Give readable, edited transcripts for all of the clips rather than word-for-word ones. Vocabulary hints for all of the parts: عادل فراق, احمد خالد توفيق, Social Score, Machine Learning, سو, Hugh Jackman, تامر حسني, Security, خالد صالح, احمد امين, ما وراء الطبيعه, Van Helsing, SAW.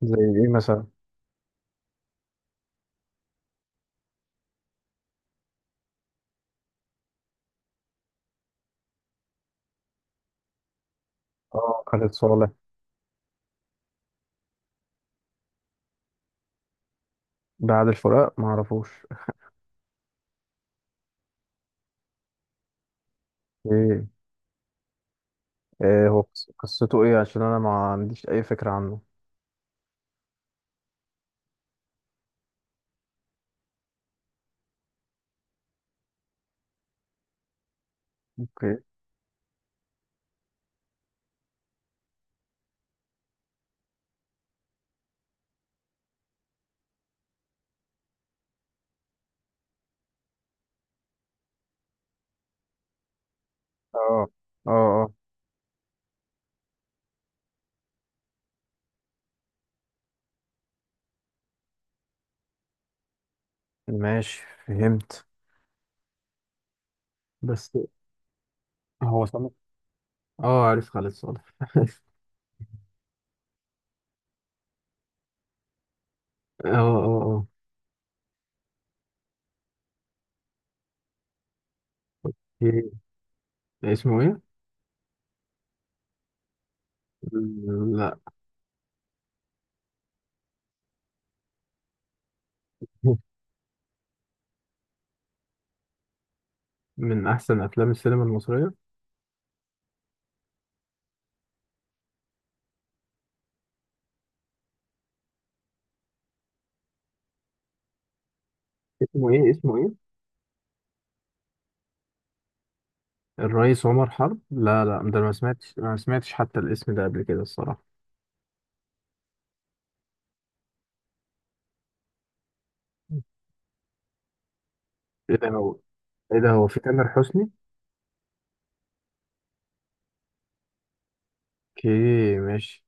زي ايه مثلا؟ اه، خالد صالح. ده عادل فراق ما اعرفوش. ايه؟ إيه هو قصته ايه عشان انا ما عنديش اي فكرة عنه؟ اوكي. اه اه اه، ماشي فهمت. بس هو صالح. اه، عارف خالد صالح. اه اه اه. إيه اسمه ايه؟ لا، من احسن افلام السينما المصرية. اسمه ايه؟ اسمه ايه؟ الرئيس عمر حرب. لا لا، ده أنا ما سمعتش ما سمعتش حتى الاسم ده قبل كده الصراحة. ايه ده هو؟ ايه ده، هو في تامر حسني؟ اوكي ماشي.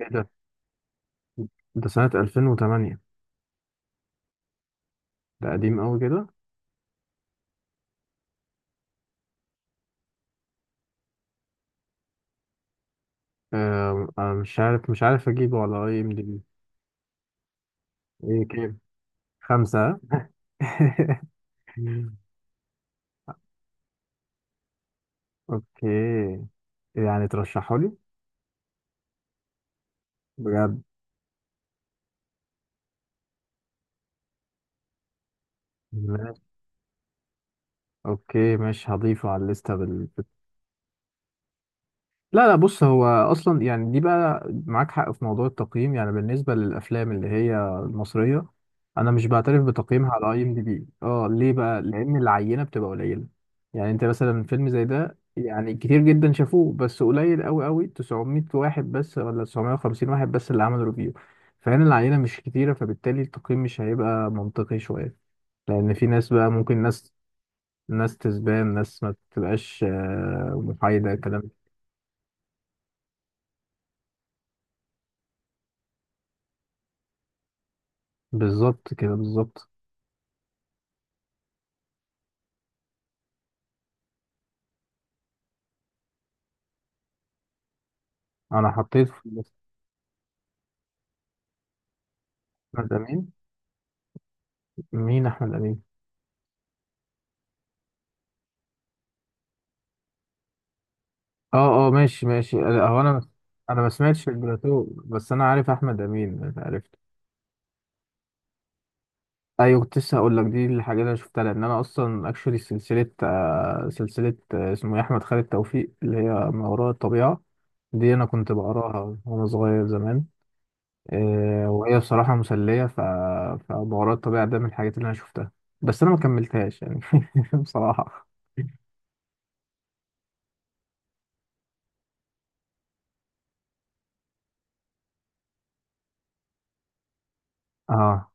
ايه ده؟ ده سنة 2008؟ ده قديم قوي كده. مش عارف، مش عارف اجيبه على اي ام دي بي. ايه كام؟ خمسة؟ اوكي. يعني ترشحه لي؟ بجد؟ ماشي. اوكي ماشي، هضيفه على الليستة. لا لا، بص، هو اصلا يعني دي بقى معاك حق في موضوع التقييم، يعني بالنسبه للافلام اللي هي المصريه. انا مش بعترف بتقييمها على اي ام دي بي. اه، ليه بقى؟ لان العينه بتبقى قليله. يعني انت مثلا فيلم زي ده يعني كتير جدا شافوه، بس قليل قوي قوي، 900 واحد بس ولا 950 واحد بس اللي عمل ريفيو. فهنا العينه مش كتيره، فبالتالي التقييم مش هيبقى منطقي شويه. لان في ناس بقى، ممكن ناس، ناس تسبان ناس ما بتبقاش محايده، كلام. بالظبط كده بالظبط. انا حطيت في... احمد امين؟ مين احمد امين؟ اه اه ماشي ماشي، لا، هو انا... انا ما سمعتش البلاتو، بس انا عارف احمد امين، عرفت. ايوه، كنت لسه هقول لك دي الحاجه اللي انا شفتها، لان انا اصلا اكشولي سلسله، سلسله، اسمه إيه، احمد خالد توفيق، اللي هي ما وراء الطبيعه. دي انا كنت بقراها وانا صغير زمان، وهي بصراحه مسليه، ف... فما وراء الطبيعه ده من الحاجات اللي انا شفتها، بس انا ما كملتهاش يعني. بصراحه. اه،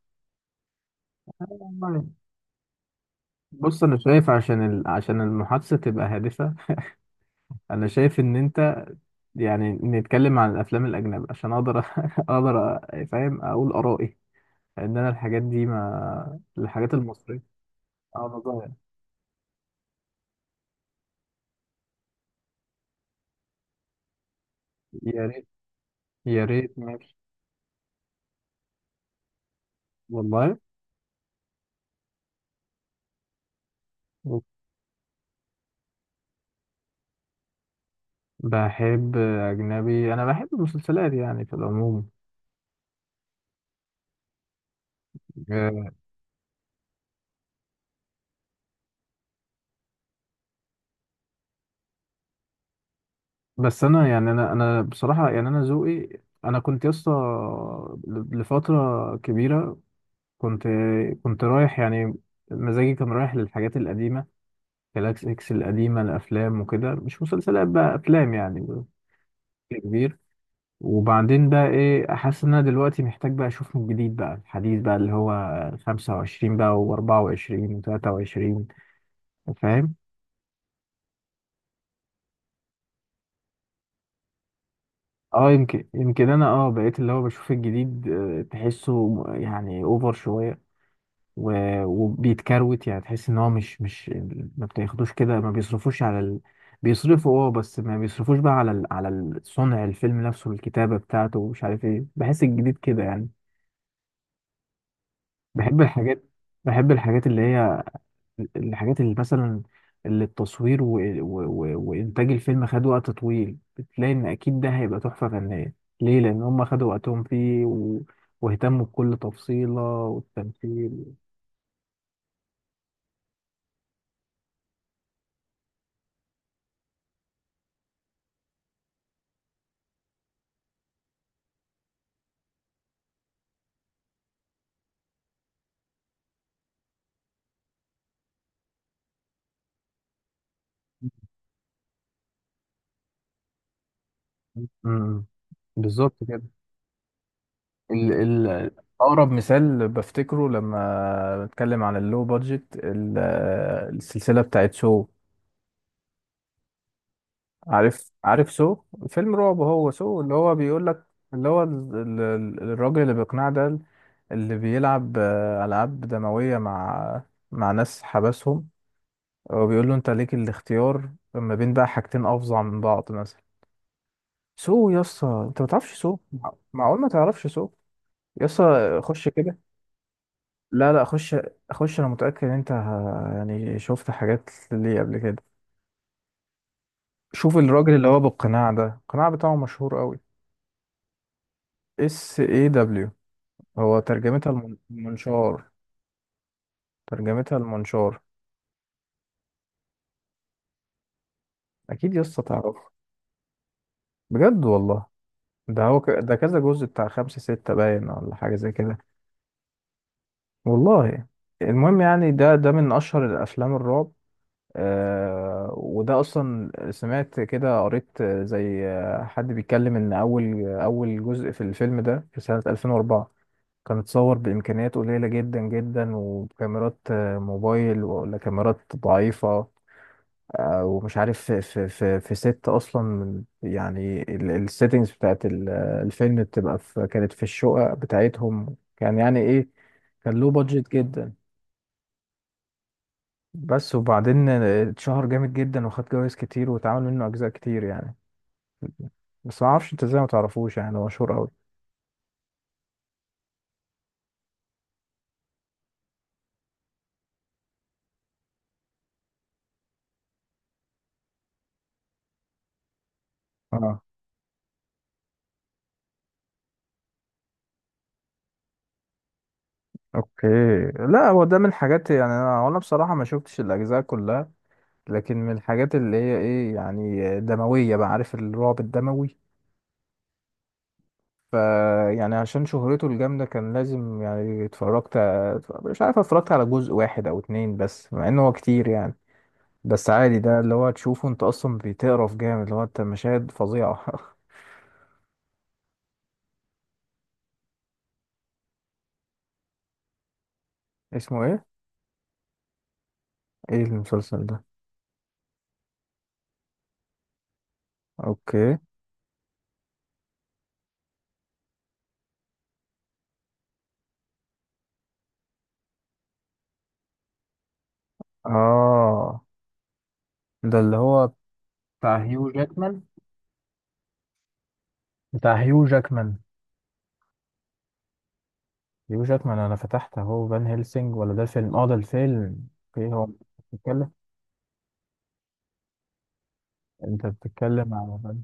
بص، انا شايف عشان ال... عشان المحادثه تبقى هادفه، انا شايف ان انت... يعني نتكلم عن الافلام الاجنبي عشان اقدر اقدر فاهم، اقول ارائي، لان انا الحاجات دي... ما الحاجات المصريه. اه والله. يا ريت. يا ريت، ماشي. والله. بحب اجنبي. انا بحب المسلسلات يعني في العموم. آه، بس انا يعني انا بصراحه يعني انا ذوقي. انا كنت يسطا لفتره كبيره، كنت... كنت رايح يعني مزاجي كان رايح للحاجات القديمة، جالاكس اكس القديمة الأفلام، وكده مش مسلسلات بقى، أفلام يعني بشكل كبير. وبعدين بقى إيه، أحس إن أنا دلوقتي محتاج بقى أشوف من جديد بقى الحديث بقى، اللي هو خمسة وعشرين بقى وأربعة وعشرين وتلاتة وعشرين. فاهم؟ اه، يمكن يمكن أنا اه بقيت اللي هو بشوف الجديد، تحسه يعني أوفر شوية، وبيتكروت، يعني تحس ان هو مش ما بتاخدوش كده، ما بيصرفوش على ال... بيصرفوا، اه، بس ما بيصرفوش بقى على ال... على صنع الفيلم نفسه، الكتابة بتاعته ومش عارف ايه، بحس الجديد كده يعني. بحب الحاجات. بحب الحاجات اللي هي الحاجات اللي مثلا اللي التصوير و... و... و... وإنتاج الفيلم خد وقت طويل، بتلاقي ان اكيد ده هيبقى تحفة فنية. ليه؟ لان هم خدوا وقتهم فيه و... واهتموا بكل تفصيلة والتمثيل. امم بالظبط كده. ال ال أقرب مثال بفتكره لما بتكلم عن اللو بادجت، السلسلة بتاعت سو. عارف؟ عارف سو؟ فيلم رعب هو سو، اللي هو بيقول لك، اللي هو الراجل اللي بيقنع ده، اللي بيلعب ألعاب دموية مع... مع ناس حبسهم، وبيقول له أنت ليك الاختيار ما بين بقى حاجتين أفظع من بعض مثلا. سو. يسا، أنت ما تعرفش سو؟ معقول ما تعرفش سو؟ يسا، خش كده. لا لا، خش. خش، انا متأكد ان انت يعني شفت حاجات ليه قبل كده. شوف الراجل اللي هو بالقناع ده، القناع بتاعه مشهور قوي. اس اي دبليو. هو ترجمتها المنشار. ترجمتها المنشار. اكيد يسطا تعرفه. بجد والله. ده هو ك... ده كذا جزء بتاع خمسة ستة باين، ولا حاجة زي كده. والله. المهم يعني ده ده من اشهر الافلام الرعب. وده اصلا سمعت كده، قريت، زي حد بيتكلم ان اول جزء في الفيلم ده في سنة 2004 كان اتصور بامكانيات قليلة جدا جدا، وكاميرات موبايل ولا كاميرات ضعيفة، ومش عارف في ست اصلا يعني السيتنجز بتاعت الفيلم بتبقى في... كانت في الشقق بتاعتهم، كان يعني ايه، كان له بادجت جدا. بس وبعدين اتشهر جامد جدا وخد جوايز كتير واتعمل منه اجزاء كتير يعني. بس ما اعرفش انت ازاي ما تعرفوش، يعني هو مشهور قوي. اه. اوكي. لا هو ده من الحاجات، يعني انا وانا بصراحه ما شفتش الاجزاء كلها، لكن من الحاجات اللي هي ايه، يعني دمويه بقى، عارف الرعب الدموي. ف... يعني عشان شهرته الجامده كان لازم يعني اتفرجت. مش عارف، اتفرجت على جزء واحد او اتنين بس، مع انه هو كتير يعني. بس عادي، ده اللي هو تشوفه انت اصلا بتقرف جامد، اللي هو انت مشاهد فظيعه. اسمه ايه؟ ايه المسلسل ده؟ اوكي. اه ده اللي هو بتاع هيو جاكمان؟ بتاع هيو جاكمان؟ هيو جاكمان. انا فتحت اهو فان هيلسينج. ولا ده الفيلم؟ اه، ده الفيلم. اوكي هو انت... بتتكلم... انت بتتكلم على فان؟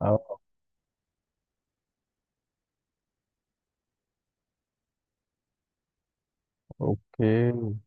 اه اوكي.